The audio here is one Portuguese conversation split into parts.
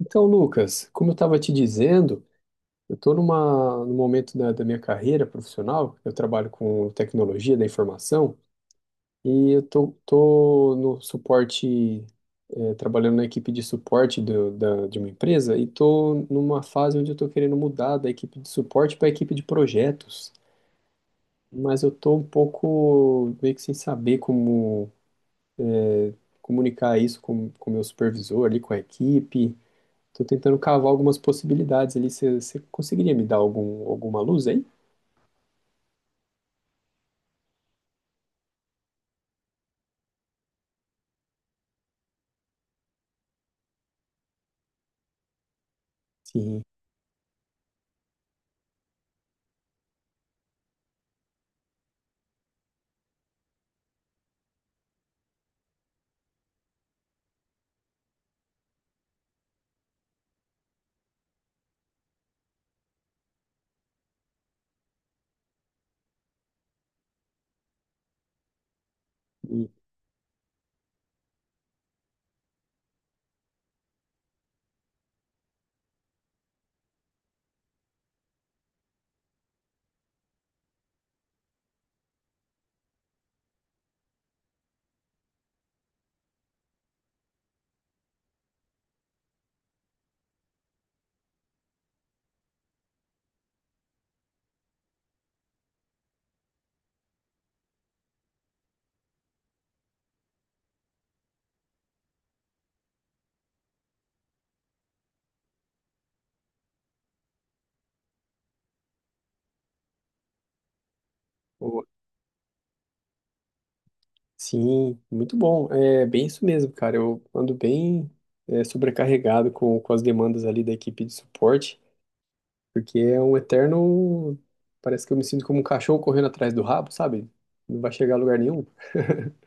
Então, Lucas, como eu estava te dizendo, eu estou num momento da minha carreira profissional. Eu trabalho com tecnologia da informação e eu tô no suporte, trabalhando na equipe de suporte de uma empresa, e estou numa fase onde eu estou querendo mudar da equipe de suporte para a equipe de projetos, mas eu estou um pouco meio que sem saber como comunicar isso com o meu supervisor ali, com a equipe. Tô tentando cavar algumas possibilidades ali. Você conseguiria me dar alguma luz aí? Sim. E- o- Sim, muito bom. É bem isso mesmo, cara. Eu ando bem sobrecarregado com as demandas ali da equipe de suporte, porque é um eterno. Parece que eu me sinto como um cachorro correndo atrás do rabo, sabe? Não vai chegar a lugar nenhum.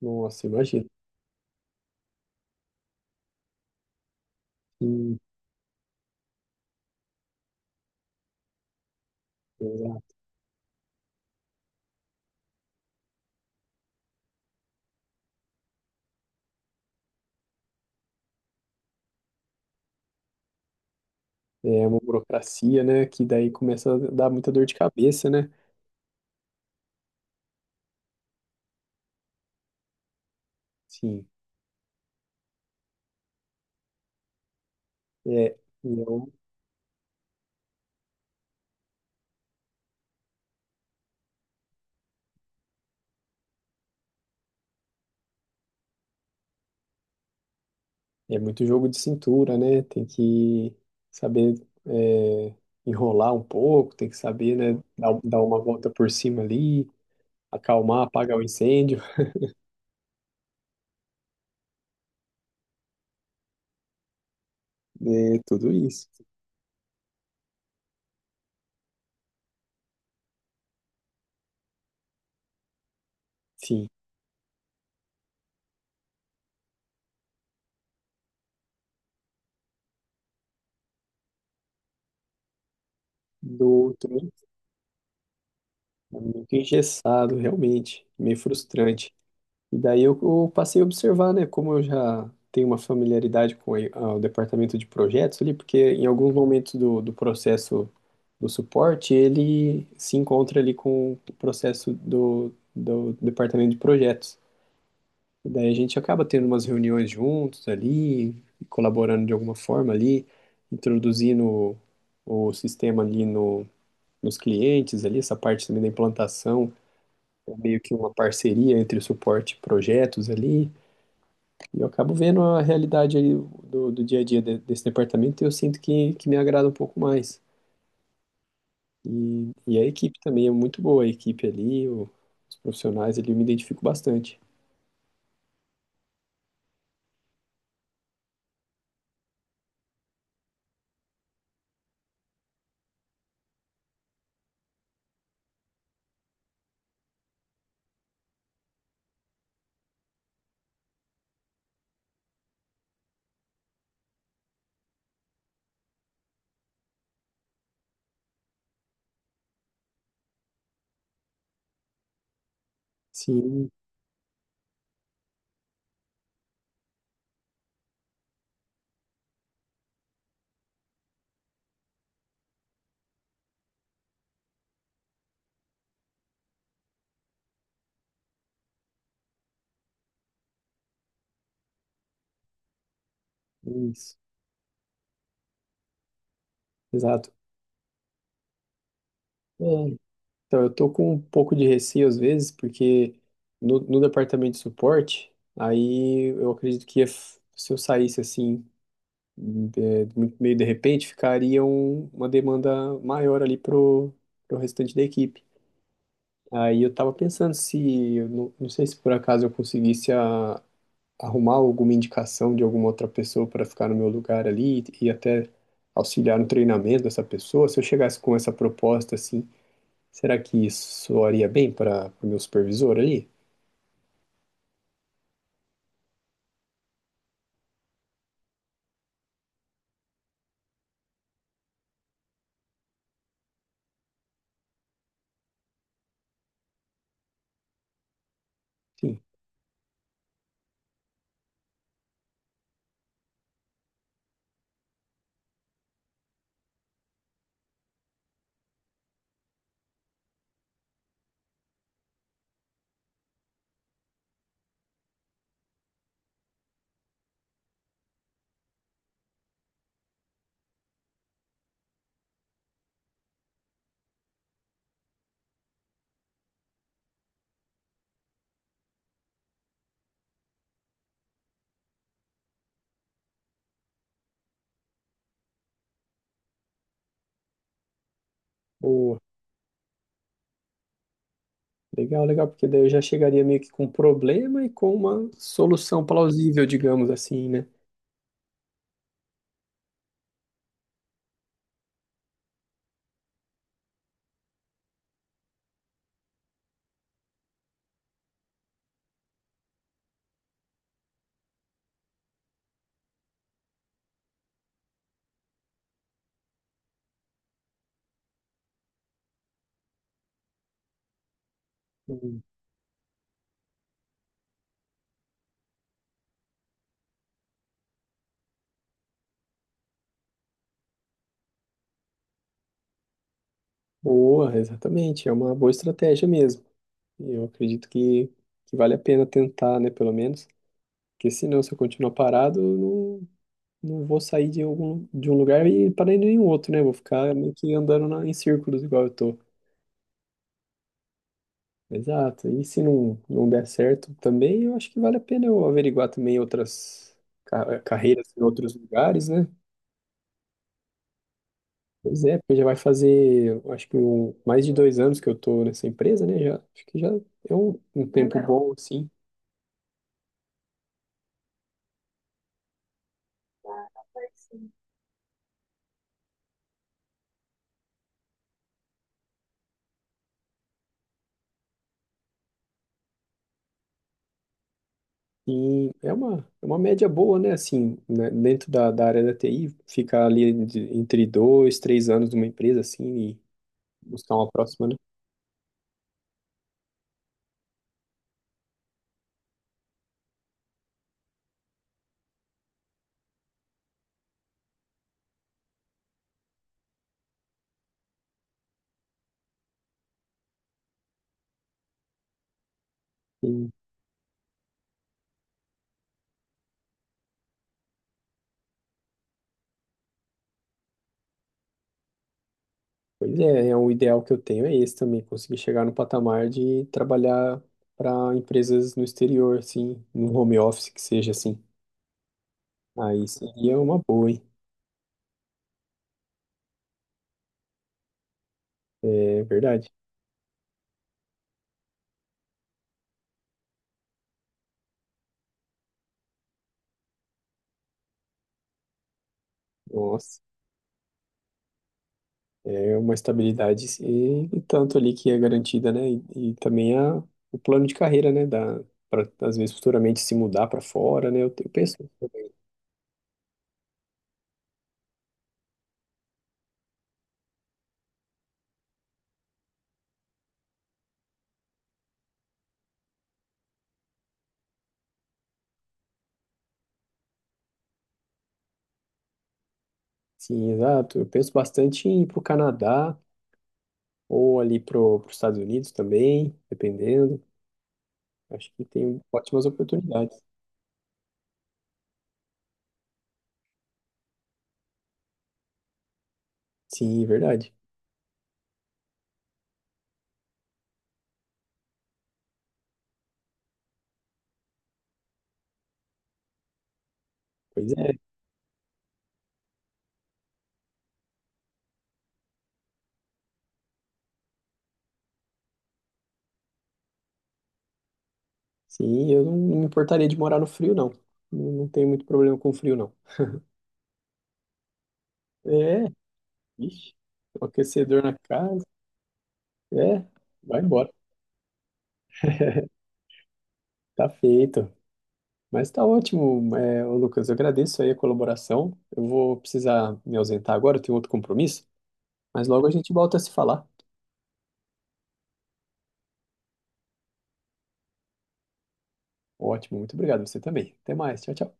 Nossa, imagina. Sim, exato. É uma burocracia, né? Que daí começa a dar muita dor de cabeça, né? Sim. É, e eu- e é muito jogo de cintura, né? Tem que saber, é, enrolar um pouco, tem que saber, né? Dar uma volta por cima ali, acalmar, apagar o incêndio, né? Tudo isso. Sim, do outro, é muito engessado, realmente, meio frustrante. E daí eu passei a observar, né, como eu já tenho uma familiaridade com o departamento de projetos ali, porque em alguns momentos do processo do suporte, ele se encontra ali com o processo do departamento de projetos. E daí a gente acaba tendo umas reuniões juntos ali, colaborando de alguma forma ali, introduzindo o sistema ali no, nos clientes ali, essa parte também da implantação, é meio que uma parceria entre o suporte e projetos ali. E eu acabo vendo a realidade ali do dia a dia desse departamento, e eu sinto que me agrada um pouco mais. E a equipe também é muito boa, a equipe ali, os profissionais ali, eu me identifico bastante. Sim, é isso, exato. É, então, eu tô com um pouco de receio às vezes, porque no departamento de suporte, aí eu acredito que se eu saísse assim, é, muito- meio de repente, ficaria um- uma demanda maior ali pro restante da equipe. Aí eu tava pensando se, eu não sei se por acaso eu conseguisse arrumar alguma indicação de alguma outra pessoa para ficar no meu lugar ali e até auxiliar no treinamento dessa pessoa. Se eu chegasse com essa proposta assim, será que isso soaria bem para o meu supervisor ali? Sim. Boa. Legal, legal, porque daí eu já chegaria meio que com um problema e com uma solução plausível, digamos assim, né? Hum. Boa, exatamente. É uma boa estratégia mesmo. E eu acredito que vale a pena tentar, né, pelo menos. Porque senão, se eu continuar parado, eu não vou sair de algum, de um lugar e parar em nenhum outro, né? Vou ficar meio que andando em círculos igual eu tô. Exato. E se não, não der certo também, eu acho que vale a pena eu averiguar também outras carreiras em outros lugares, né? Pois é, porque já vai fazer, eu acho que um, mais de 2 anos que eu tô nessa empresa, né? Já, acho que já é um tempo bom, assim. E é uma média boa, né? Assim, né? Dentro da área da TI, ficar ali entre 2, 3 anos numa empresa, assim, e buscar uma próxima, né? E, pois é, é um ideal que eu tenho, é esse também, conseguir chegar no patamar de trabalhar para empresas no exterior, assim, no home office que seja, assim. Aí seria uma boa, hein? É verdade. Nossa. É uma estabilidade e tanto ali que é garantida, né? E também o plano de carreira, né? Da, para às vezes futuramente se mudar para fora, né? Eu penso, sim, exato. Eu penso bastante em ir para o Canadá ou ali para os Estados Unidos também, dependendo. Acho que tem ótimas oportunidades. Sim, verdade. Pois é. Sim, eu não me importaria de morar no frio, não. Não tenho muito problema com frio, não. É, ixi, um aquecedor na casa. É, vai embora. Tá feito. Mas tá ótimo, é, ô Lucas. Eu agradeço aí a colaboração. Eu vou precisar me ausentar agora, eu tenho outro compromisso, mas logo a gente volta a se falar. Ótimo, muito obrigado. Você também. Até mais. Tchau, tchau.